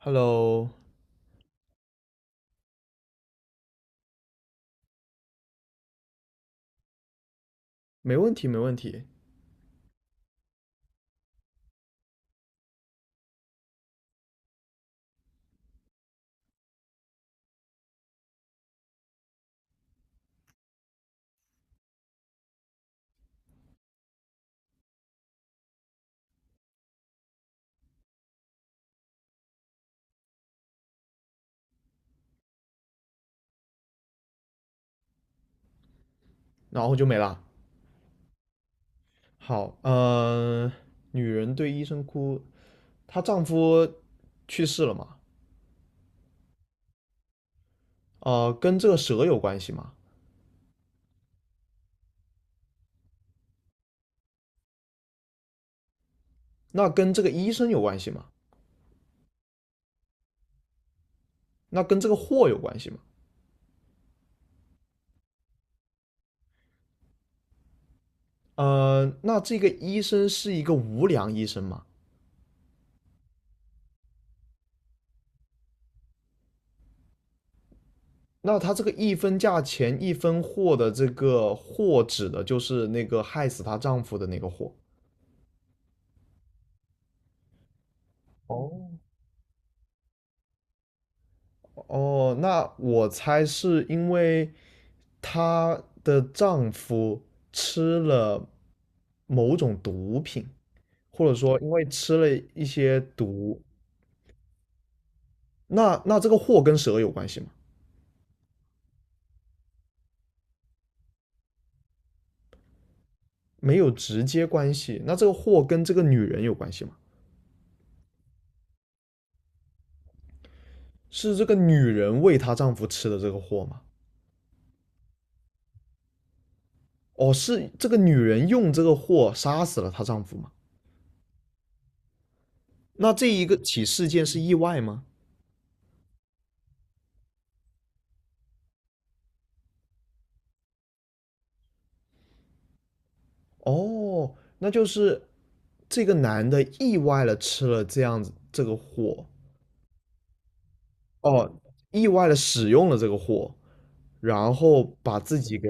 Hello,没问题，没问题。然后就没了。好，女人对医生哭，她丈夫去世了嘛？跟这个蛇有关系吗？那跟这个医生有关系吗？那跟这个货有关系吗？那这个医生是一个无良医生吗？那他这个一分价钱一分货的这个货指的就是那个害死她丈夫的那个货。哦，哦，那我猜是因为她的丈夫吃了某种毒品，或者说因为吃了一些毒，那这个祸跟蛇有关系吗？没有直接关系，那这个祸跟这个女人有关系吗？是这个女人喂她丈夫吃的这个祸吗？哦，是这个女人用这个祸杀死了她丈夫吗？那这一个起事件是意外吗？哦，那就是这个男的意外了吃了这样子这个货，哦，意外的使用了这个货，然后把自己给，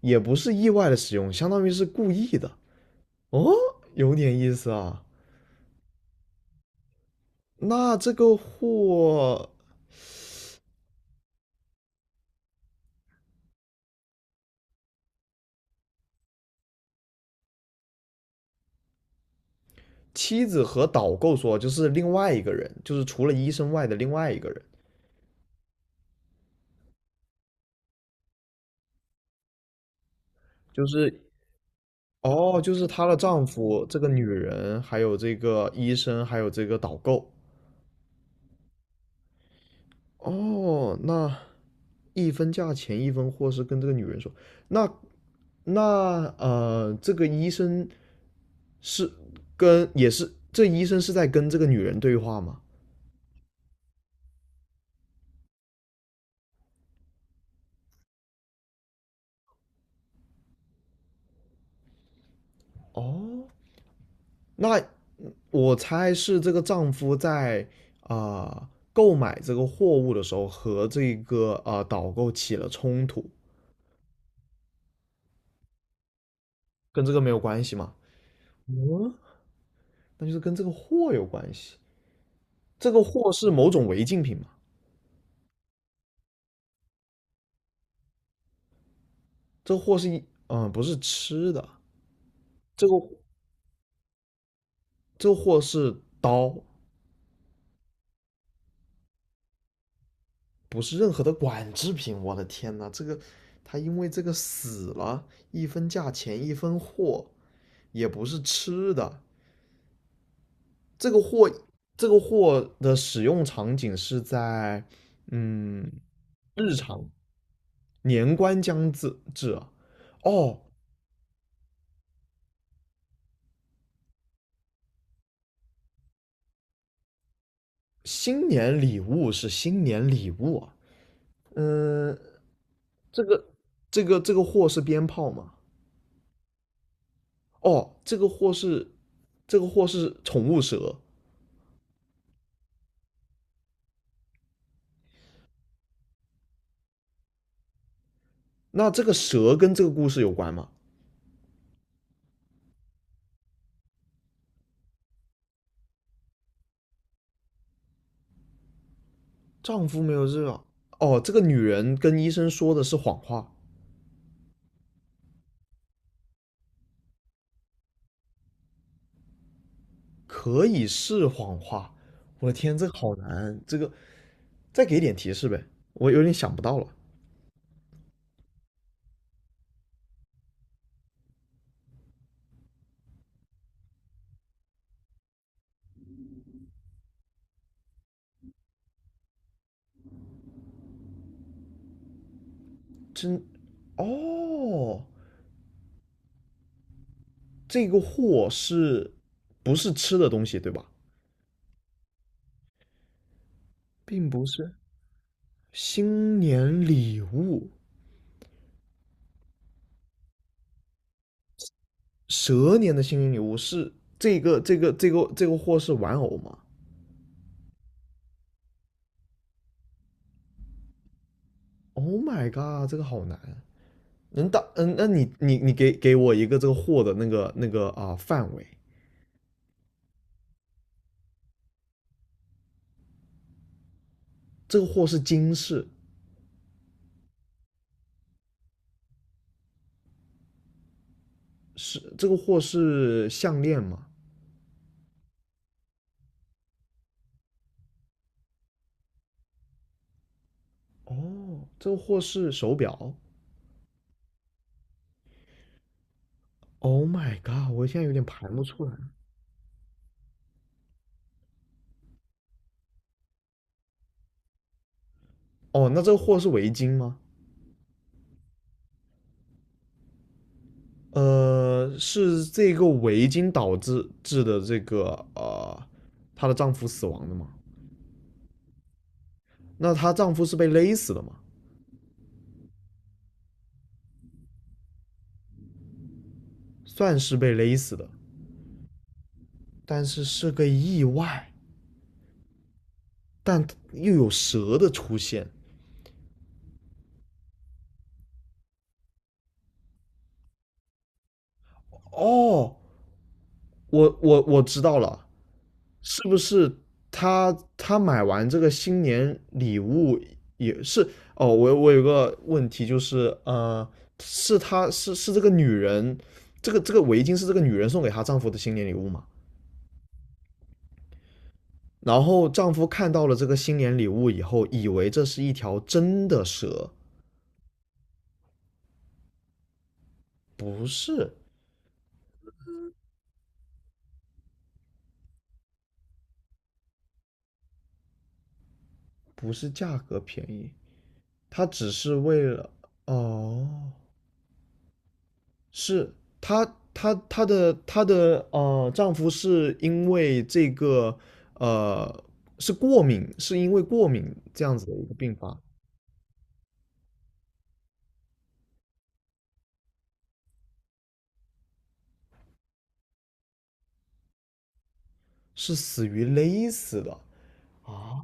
也不是意外的使用，相当于是故意的。哦，有点意思啊。那这个货，妻子和导购说，就是另外一个人，就是除了医生外的另外一个人，就是哦，就是她的丈夫，这个女人，还有这个医生，还有这个导购。哦，那一分价钱一分货是跟这个女人说，那那这个医生是跟也是这医生是在跟这个女人对话吗？哦，那我猜是这个丈夫在啊、呃购买这个货物的时候和这个导购起了冲突，跟这个没有关系嘛？那就是跟这个货有关系。这个货是某种违禁品嘛？这个货是一不是吃的。这个这个货是刀，不是任何的管制品。我的天呐，这个他因为这个死了，一分价钱一分货，也不是吃的。这个货这个货的使用场景是在嗯日常年关将至啊，哦，新年礼物是新年礼物啊。嗯，这个这个货是鞭炮吗？哦，这个货是这个货是宠物蛇，那这个蛇跟这个故事有关吗？丈夫没有热，哦，这个女人跟医生说的是谎话，可以是谎话。我的天，这个好难，这个再给点提示呗，我有点想不到了。真，哦，这个货是不是吃的东西对吧？并不是新年礼物，蛇年的幸运礼物是这个货是玩偶吗？Oh my god,这个好难。能当嗯，那你给我一个这个货的那个范围，这个货是金饰，是这个货是项链吗？哦，这个货是手表。Oh my god,我现在有点排不出来。哦，那这个货是围巾吗？呃，是这个围巾导致的这个呃，她的丈夫死亡的吗？那她丈夫是被勒死的嘛？算是被勒死的，但是是个意外，但又有蛇的出现。哦，我知道了，是不是她买完这个新年礼物也是？哦，我有个问题就是，是她是是这个女人，这个围巾是这个女人送给她丈夫的新年礼物吗？然后丈夫看到了这个新年礼物以后，以为这是一条真的蛇，不是，不是价格便宜，她只是为了哦，是她的丈夫是因为这个呃是过敏，是因为过敏这样子的一个病发，是死于勒死的。啊，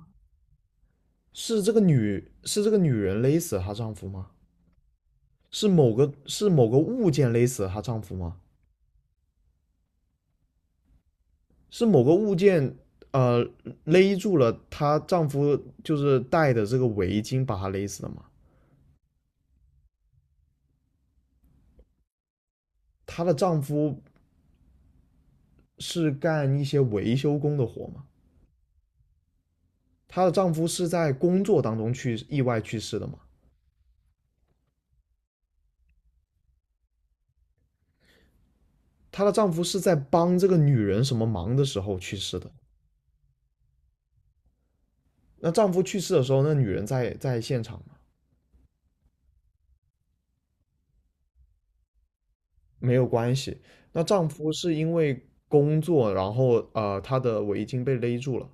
是这个女人勒死她丈夫吗？是某个物件勒死了她丈夫吗？是某个物件呃勒住了她丈夫就是戴的这个围巾把她勒死的吗？她的丈夫是干一些维修工的活吗？她的丈夫是在工作当中去意外去世的吗？她的丈夫是在帮这个女人什么忙的时候去世的？那丈夫去世的时候，那女人在现场吗？没有关系。那丈夫是因为工作，然后她的围巾被勒住了。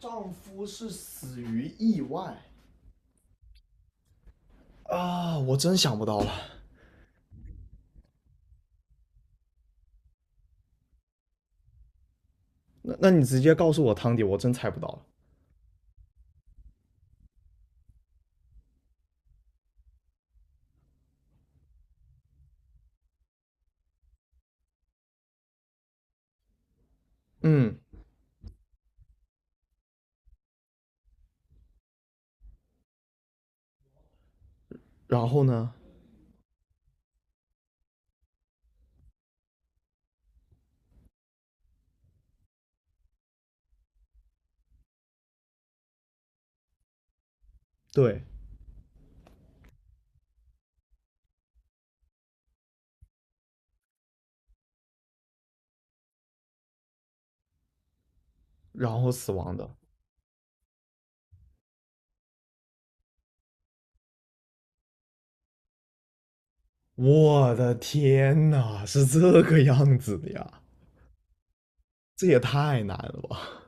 丈夫是死于意外，啊，我真想不到了。那你直接告诉我汤底，我真猜不到了。嗯，然后呢？对，然后死亡的。我的天呐，是这个样子的呀，这也太难了吧？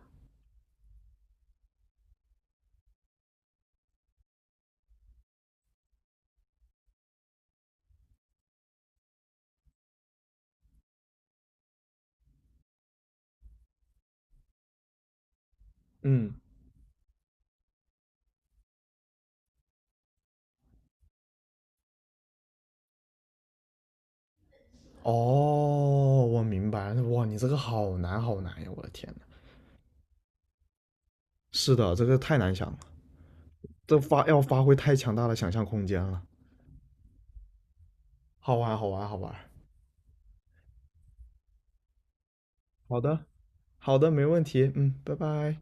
嗯，哦，我明白了，哇，你这个好难好难呀，我的天呐，是的，这个太难想了，这发要发挥太强大的想象空间了。好玩，好玩，好玩。好的，好的，没问题。嗯，拜拜。